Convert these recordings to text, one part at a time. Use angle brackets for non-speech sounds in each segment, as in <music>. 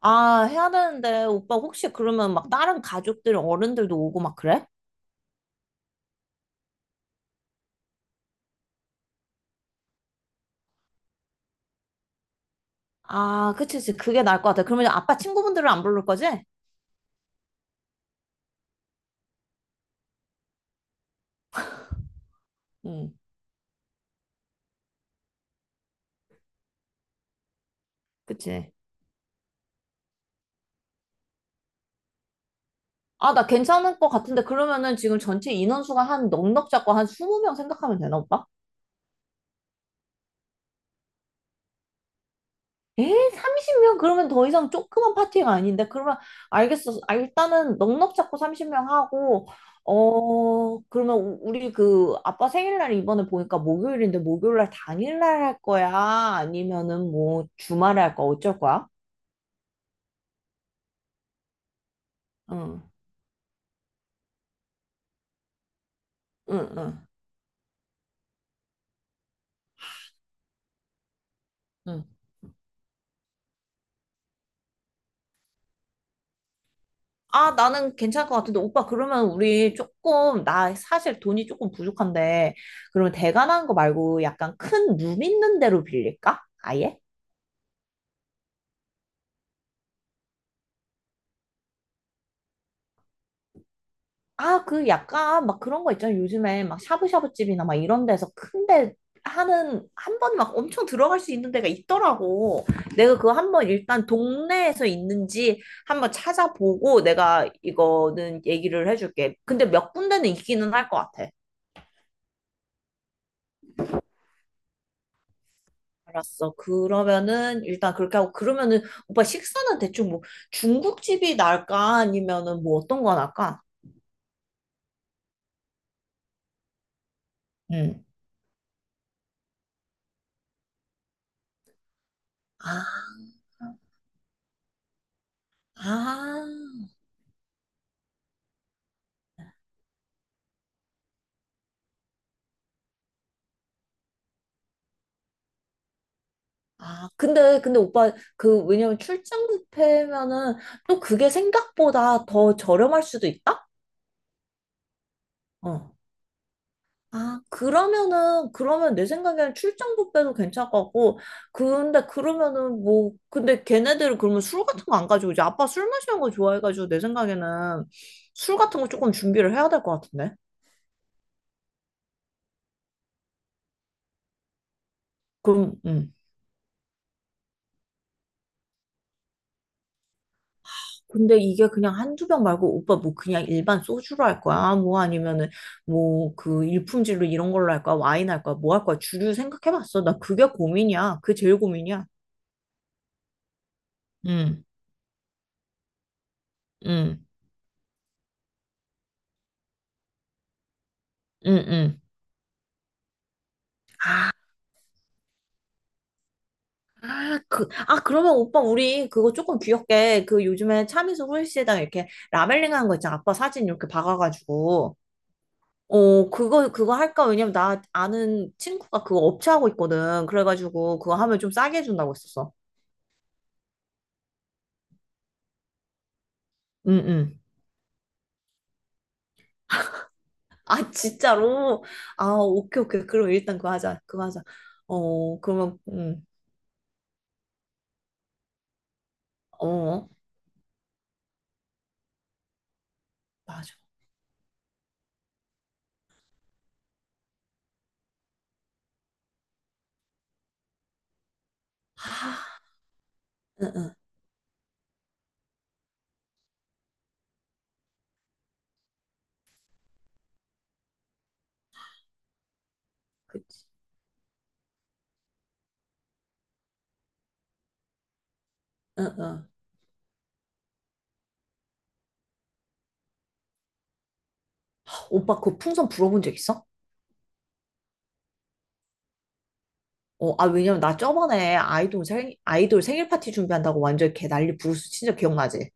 아, 해야 되는데, 오빠 혹시 그러면 막 다른 가족들, 어른들도 오고 막 그래? 아, 그치, 그치. 그게 나을 것 같아. 그러면 아빠 친구분들은 안 부를 거지? 응, 그치. 아, 나 괜찮을 것 같은데, 그러면은 지금 전체 인원수가 한 넉넉 잡고 한 20명 생각하면 되나, 오빠? 에? 30명? 그러면 더 이상 조그만 파티가 아닌데? 그러면 알겠어. 아, 일단은 넉넉 잡고 30명 하고, 어, 그러면 우리 그 아빠 생일날 이번에 보니까 목요일인데 목요일날 당일날 할 거야? 아니면은 뭐 주말에 할 거야? 어쩔 거야? 응, 응, 응. 응. 아, 나는 괜찮을 것 같은데, 오빠, 그러면 우리 조금, 나 사실 돈이 조금 부족한데, 그러면 대관하는 거 말고 약간 큰 룸 있는 데로 빌릴까? 아예? 아, 그 약간 막 그런 거 있잖아요. 요즘에 막 샤브샤브 집이나 막 이런 데서 큰데 하는 한 번 막 엄청 들어갈 수 있는 데가 있더라고. 내가 그거 한번 일단 동네에서 있는지 한번 찾아보고 내가 이거는 얘기를 해줄게. 근데 몇 군데는 있기는 할 것 같아. 알았어. 그러면은 일단 그렇게 하고 그러면은 오빠 식사는 대충 뭐 중국집이 나을까 아니면은 뭐 어떤 거 나을까? 응. 아, 아. 아, 근데 오빠, 그, 왜냐면 출장 뷔페면은 또 그게 생각보다 더 저렴할 수도 있다? 어. 아, 그러면은, 그러면 내 생각에는 출장 뷔페도 괜찮을 것 같고, 근데 그러면은 뭐, 근데 걔네들은 그러면 술 같은 거 안 가지고 이제 아빠 술 마시는 거 좋아해가지고 내 생각에는 술 같은 거 조금 준비를 해야 될 것 같은데? 그럼, 근데 이게 그냥 한두 병 말고 오빠 뭐 그냥 일반 소주로 할 거야? 뭐 아니면은 뭐 그 일품질로 이런 걸로 할 거야? 와인 할 거야? 뭐 할 거야? 주류 생각해봤어. 나 그게 고민이야. 그게 제일 고민이야. 응, 응. 응, 응. 아, 아, 그, 아, 그러면 오빠, 우리 그거 조금 귀엽게, 그 요즘에 참이슬 홀씨에다가 이렇게 라벨링 하는 거 있잖아. 아빠 사진 이렇게 박아가지고. 어, 그거 할까? 왜냐면 나 아는 친구가 그거 업체 하고 있거든. 그래가지고 그거 하면 좀 싸게 해준다고 했었어. 응응. 아, 진짜로? 아, 오케이, 오케이. 그럼 일단 그거 하자. 그거 하자. 어, 그러면, 어, 맞아. 아, 응, 응. 그, 응, 응. 오빠, 그 풍선 불어본 적 있어? 어, 아, 왜냐면 나 저번에 아이돌 생일 파티 준비한다고 완전 개 난리 부르스 진짜 기억나지?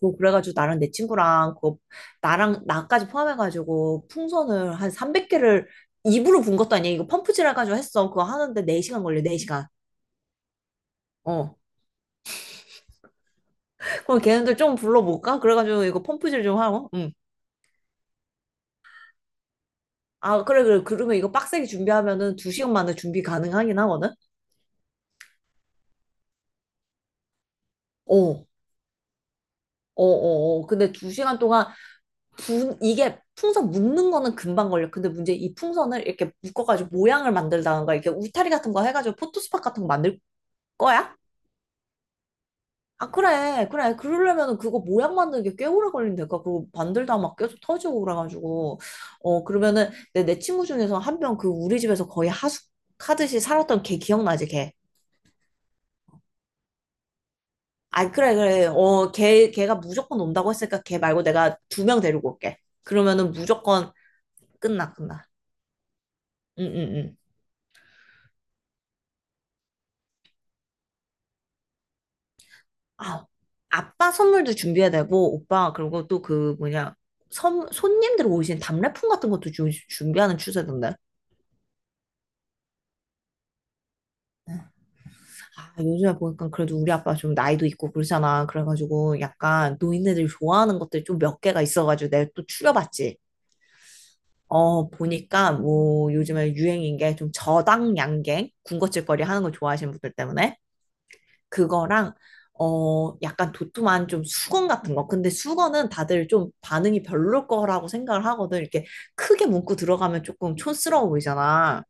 그 그래가지고 나랑 내 친구랑, 그, 나까지 포함해가지고 풍선을 한 300개를 입으로 분 것도 아니야. 이거 펌프질 해가지고 했어. 그거 하는데 4시간 걸려, 4시간. 그럼 걔네들 좀 불러볼까? 그래가지고 이거 펌프질 좀 하고. 응. 아, 그래, 그래. 그러면 이거 빡세게 준비하면은 2시간 만에 준비 가능하긴 하거든? 어, 어, 어, 어. 근데 2시간 동안 이게 풍선 묶는 거는 금방 걸려. 근데 문제 이 풍선을 이렇게 묶어가지고 모양을 만들다가 이렇게 울타리 같은 거 해가지고 포토스팟 같은 거 만들 거야? 아, 그래, 그래. 그러려면 그거 모양 만드는 게 꽤 오래 걸린다니까. 그거 만들다 막 계속 터지고 그래가지고. 어, 그러면은 내 친구 중에서 한 명 그 우리 집에서 거의 하숙하듯이 살았던 걔 기억나지, 걔? 아, 그래, 그래. 어, 걔가 무조건 온다고 했으니까 걔 말고 내가 2명 데리고 올게. 그러면은 무조건 끝나. 응, 응, 응. 아, 아빠 선물도 준비해야 되고, 오빠, 그리고 또 그 뭐냐. 손님들 오신 답례품 같은 것도 준비하는 추세던데. 아, 요즘에 보니까 그래도 우리 아빠 좀 나이도 있고 그러잖아. 그래가지고 약간 노인네들이 좋아하는 것들 좀 몇 개가 있어가지고 내가 또 추려봤지. 어, 보니까 뭐 요즘에 유행인 게 좀 저당 양갱, 군것질거리 하는 거 좋아하시는 분들 때문에 그거랑 어, 약간 도톰한 좀 수건 같은 거. 근데 수건은 다들 좀 반응이 별로일 거라고 생각을 하거든. 이렇게 크게 문구 들어가면 조금 촌스러워 보이잖아.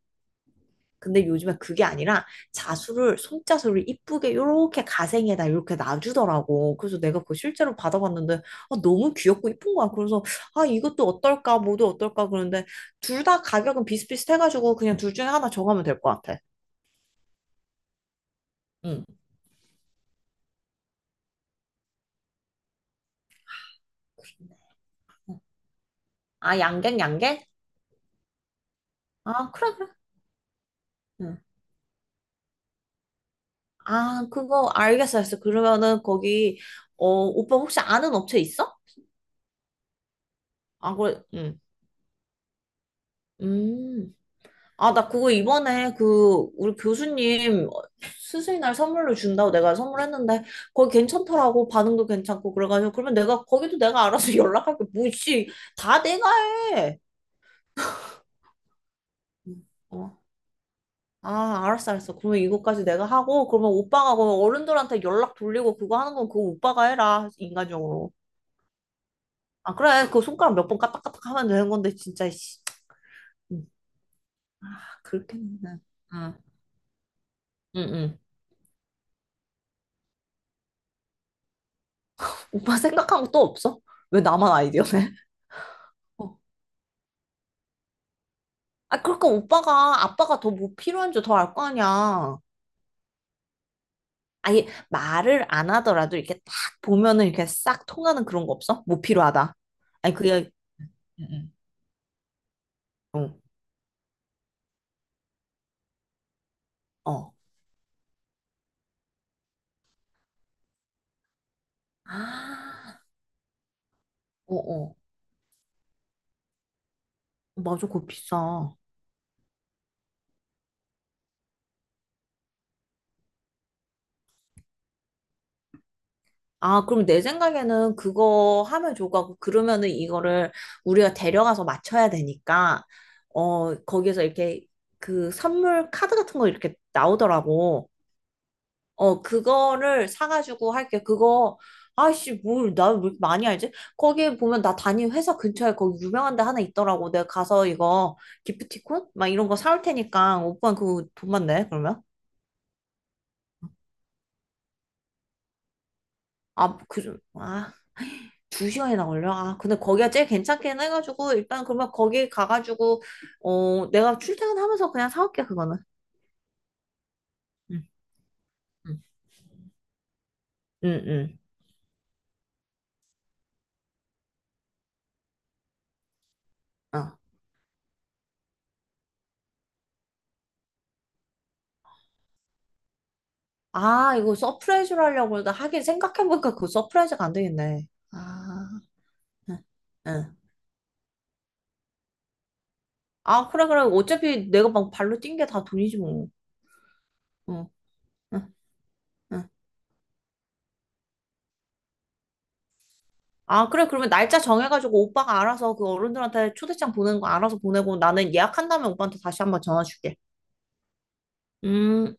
근데 요즘에 그게 아니라 자수를 손자수를 이쁘게 요렇게 가생에다 이렇게 놔주더라고. 그래서 내가 그거 실제로 받아봤는데 아, 너무 귀엽고 이쁜 거야. 그래서 아 이것도 어떨까 뭐도 어떨까 그러는데 둘 다 가격은 비슷비슷해가지고 그냥 둘 중에 하나 정하면 될 것 같아. 응. 아 양갱? 아 그래 그래. 응. 아 그거 알겠어. 그러면은 거기 어 오빠 혹시 아는 업체 있어? 아 그래. 응. 음. 아, 나 그거 이번에 그 우리 교수님 스승의 날 선물로 준다고 내가 선물했는데 거기 괜찮더라고 반응도 괜찮고 그래가지고 그러면 내가 거기도 내가 알아서 <laughs> 연락할게 뭐지 다 내가 해. 어. 아, 알았어. 그러면 이거까지 내가 하고 그러면 오빠가 그 어른들한테 연락 돌리고 그거 하는 건 그거 오빠가 해라 인간적으로. 아, 그래. 그 손가락 몇 번 까딱까딱 하면 되는 건데 진짜 씨. 음, 그렇게는. 응, 응, 응. 오빠 생각한 것도 없어? 왜 나만 아이디어네? 아, 그러니까 오빠가 아빠가 더 뭐 필요한 줄 더 알 거 아니야. 아니, 말을 안 하더라도 이렇게 딱 보면은 이렇게 싹 통하는 그런 거 없어? 뭐 필요하다. 아니, 그게, 응, 응. 어, 어. 아, 어, 어. 맞아, 그거 비싸. 아, 그럼 내 생각에는 그거 하면 좋을 것 같고, 그러면은 이거를 우리가 데려가서 맞춰야 되니까, 어, 거기에서 이렇게 그 선물 카드 같은 거 이렇게 나오더라고. 어, 그거를 사가지고 할게. 그거, 아이씨, 뭘, 나 왜 이렇게 많이 알지? 거기에 보면 나 다니는 회사 근처에 거기 유명한 데 하나 있더라고. 내가 가서 이거 기프티콘? 막 이런 거 사올 테니까 오빠 그거 돈만 내, 그러면? 아, 그, 아, 2시간이나 걸려? 아, 근데 거기가 제일 괜찮긴 해가지고 일단 그러면 거기 가가지고, 어, 내가 출퇴근하면서 그냥 사올게, 그거는. 응, 응, 응, 응. 어. 아, 이거 서프라이즈로 하려고 그러다 하긴 생각해보니까 그거 서프라이즈가 안 되겠네. 아. 응, 응. 아, 그래, 그래. 어차피 내가 막 발로 뛴 게 다 돈이지, 뭐. 응, 응, 응. 아, 그래. 그러면 날짜 정해가지고 오빠가 알아서 그 어른들한테 초대장 보내는 거 알아서 보내고 나는 예약한 다음에 오빠한테 다시 한번 전화 줄게. 음.